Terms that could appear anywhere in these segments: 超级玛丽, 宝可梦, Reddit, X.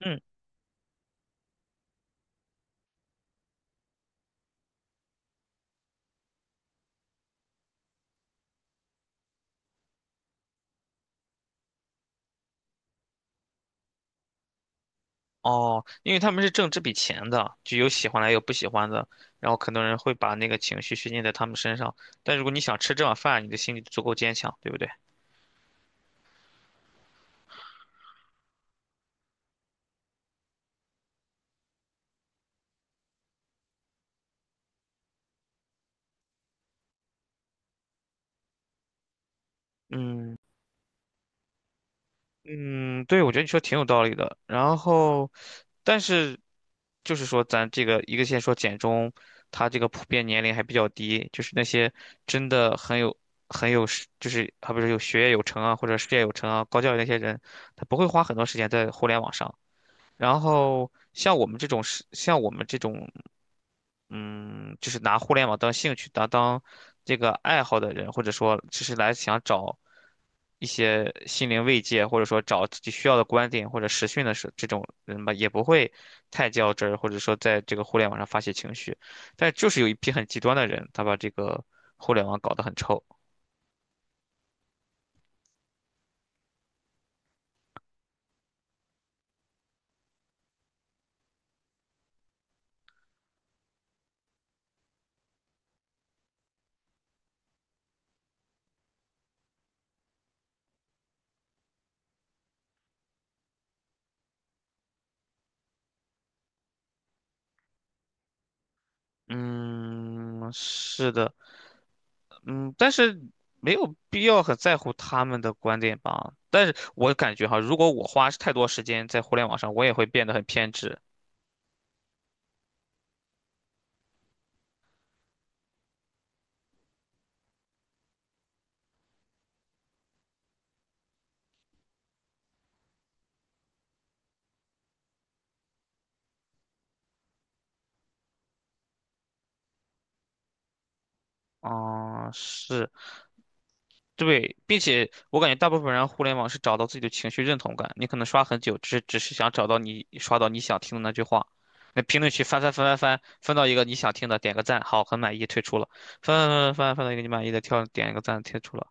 嗯，哦，因为他们是挣这笔钱的，就有喜欢的，有不喜欢的。然后很多人会把那个情绪宣泄在他们身上。但如果你想吃这碗饭，你的心里足够坚强，对不对？嗯嗯，对，我觉得你说挺有道理的。然后，但是就是说，咱这个一个先说简中，他这个普遍年龄还比较低，就是那些真的很有是就是还不是有学业有成啊，或者事业有成啊，高教育那些人，他不会花很多时间在互联网上。然后像我们这种，嗯，就是拿互联网当兴趣、当这个爱好的人，或者说只是来想找一些心灵慰藉，或者说找自己需要的观点或者实训的时这种人吧，也不会太较真儿，或者说在这个互联网上发泄情绪。但就是有一批很极端的人，他把这个互联网搞得很臭。嗯，是的。嗯，但是没有必要很在乎他们的观点吧。但是我感觉哈，如果我花太多时间在互联网上，我也会变得很偏执。啊、是，对，并且我感觉大部分人互联网是找到自己的情绪认同感。你可能刷很久，只是想找到你刷到你想听的那句话。那评论区翻翻翻翻翻，翻到一个你想听的，点个赞，好，很满意，退出了。翻翻翻翻翻翻到一个你满意的，跳点一个赞，退出了。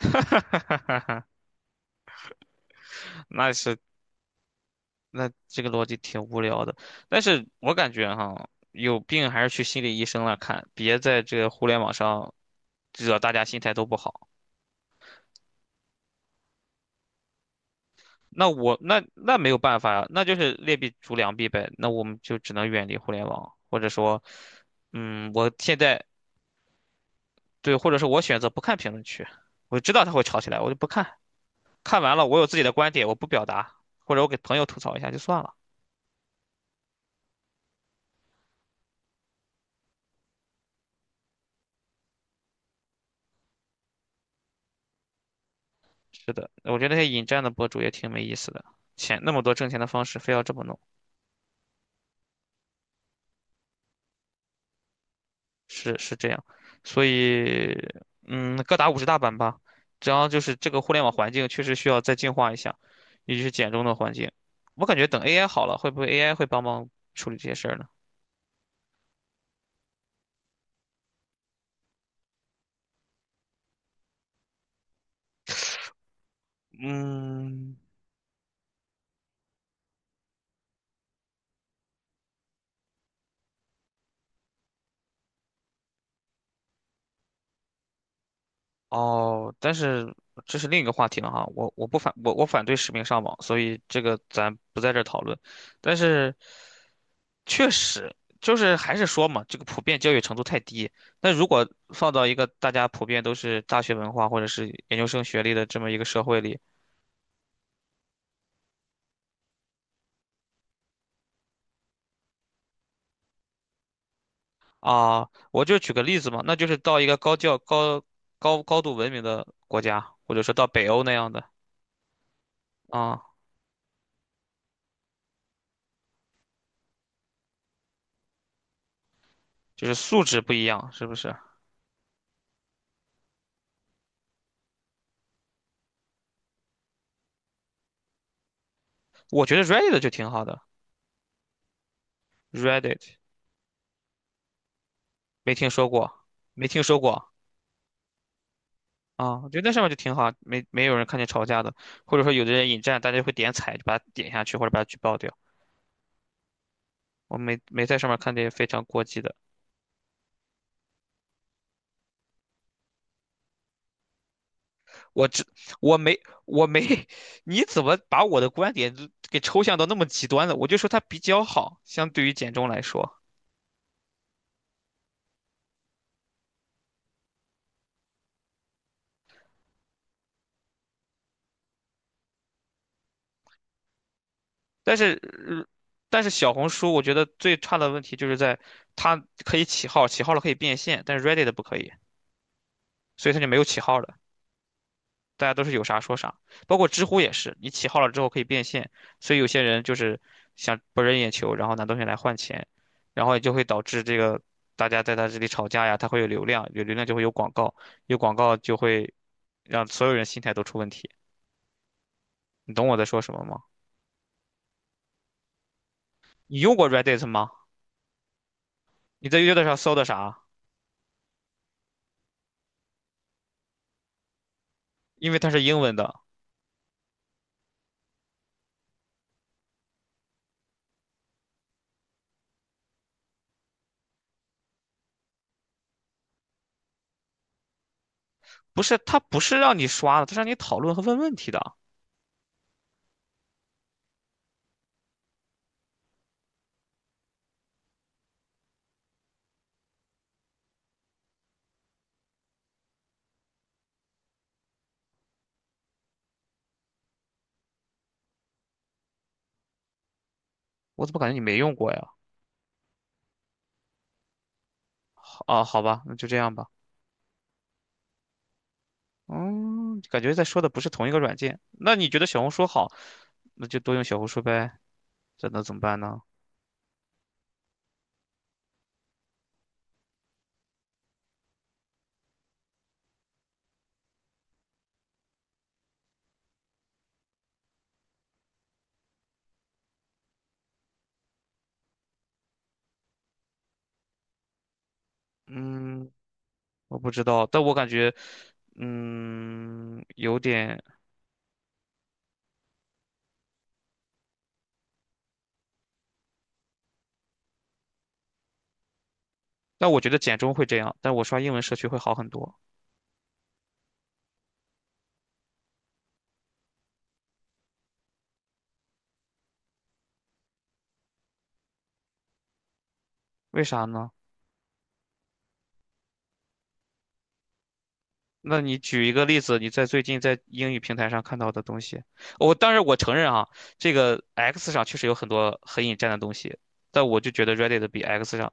那是。那这个逻辑挺无聊的。但是我感觉哈，有病还是去心理医生那看，别在这个互联网上惹大家心态都不好。那我那那没有办法呀，那就是劣币逐良币呗。那我们就只能远离互联网，或者说，嗯，我现在对，或者是我选择不看评论区，我知道他会吵起来，我就不看。看完了，我有自己的观点，我不表达，或者我给朋友吐槽一下就算了。是的，我觉得那些引战的博主也挺没意思的，钱那么多挣钱的方式，非要这么弄。是是这样，所以各打五十大板吧。只要就是这个互联网环境确实需要再净化一下，尤其是简中的环境。我感觉等 AI 好了，会不会 AI 会帮忙处理这些事儿呢？嗯，哦，但是这是另一个话题了哈，我我不反我我反对实名上网，所以这个咱不在这儿讨论。但是确实就是还是说嘛，这个普遍教育程度太低。那如果放到一个大家普遍都是大学文化或者是研究生学历的这么一个社会里啊，我就举个例子嘛，那就是到一个高教高高高度文明的国家，或者说到北欧那样的啊，就是素质不一样，是不是？我觉得 Reddit 就挺好的，Reddit。没听说过，没听说过啊。我觉得那上面就挺好，没有人看见吵架的，或者说有的人引战，大家会点踩，就把它点下去或者把它举报掉。我没在上面看见非常过激的，我只我没我没，你怎么把我的观点就给抽象到那么极端了？我就说它比较好，相对于简中来说，但是呃但是小红书我觉得最差的问题就是在它可以起号，起号了可以变现，但是 Reddit 不可以，所以它就没有起号了。大家都是有啥说啥，包括知乎也是，你起号了之后可以变现，所以有些人就是想博人眼球，然后拿东西来换钱，然后也就会导致这个大家在他这里吵架呀，他会有流量，有流量就会有广告，有广告就会让所有人心态都出问题。你懂我在说什么吗？你用过 Reddit 吗？你在 Reddit 上搜的啥？因为它是英文的，不是，它不是让你刷的，它是让你讨论和问问题的。我怎么感觉你没用过呀？好啊，好吧，那就这样吧。嗯，感觉在说的不是同一个软件。那你觉得小红书好，那就多用小红书呗。这能怎么办呢？嗯，我不知道，但我感觉，嗯，有点。但我觉得简中会这样，但我刷英文社区会好很多。为啥呢？那你举一个例子，你在最近在英语平台上看到的东西。我当然我承认啊，这个 X 上确实有很多很引战的东西，但我就觉得 Reddit 比 X 上。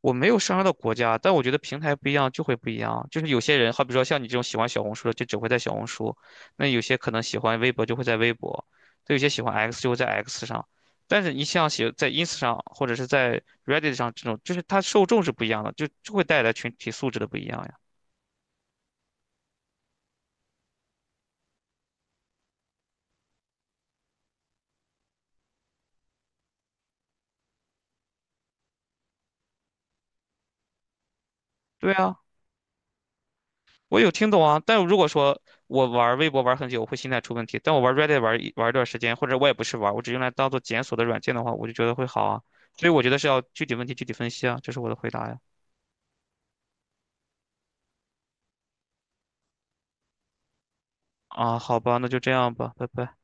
我没有上升到国家，但我觉得平台不一样就会不一样。就是有些人，好比说像你这种喜欢小红书的，就只会在小红书；那有些可能喜欢微博，就会在微博；对，有些喜欢 X 就会在 X 上。但是你像写在 ins 上或者是在 Reddit 上这种，就是它受众是不一样的，就会带来群体素质的不一样呀。对啊。我有听懂啊，但如果说我玩微博玩很久，我会心态出问题。但我玩 Reddit 玩一段时间，或者我也不是玩，我只用来当做检索的软件的话，我就觉得会好啊。所以我觉得是要具体问题具体分析啊，这是我的回答呀。啊，好吧，那就这样吧，拜拜。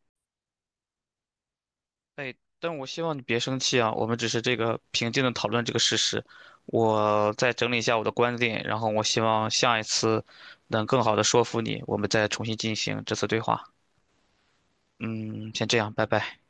哎，但我希望你别生气啊，我们只是这个平静的讨论这个事实。我再整理一下我的观点，然后我希望下一次能更好的说服你，我们再重新进行这次对话。嗯，先这样，拜拜。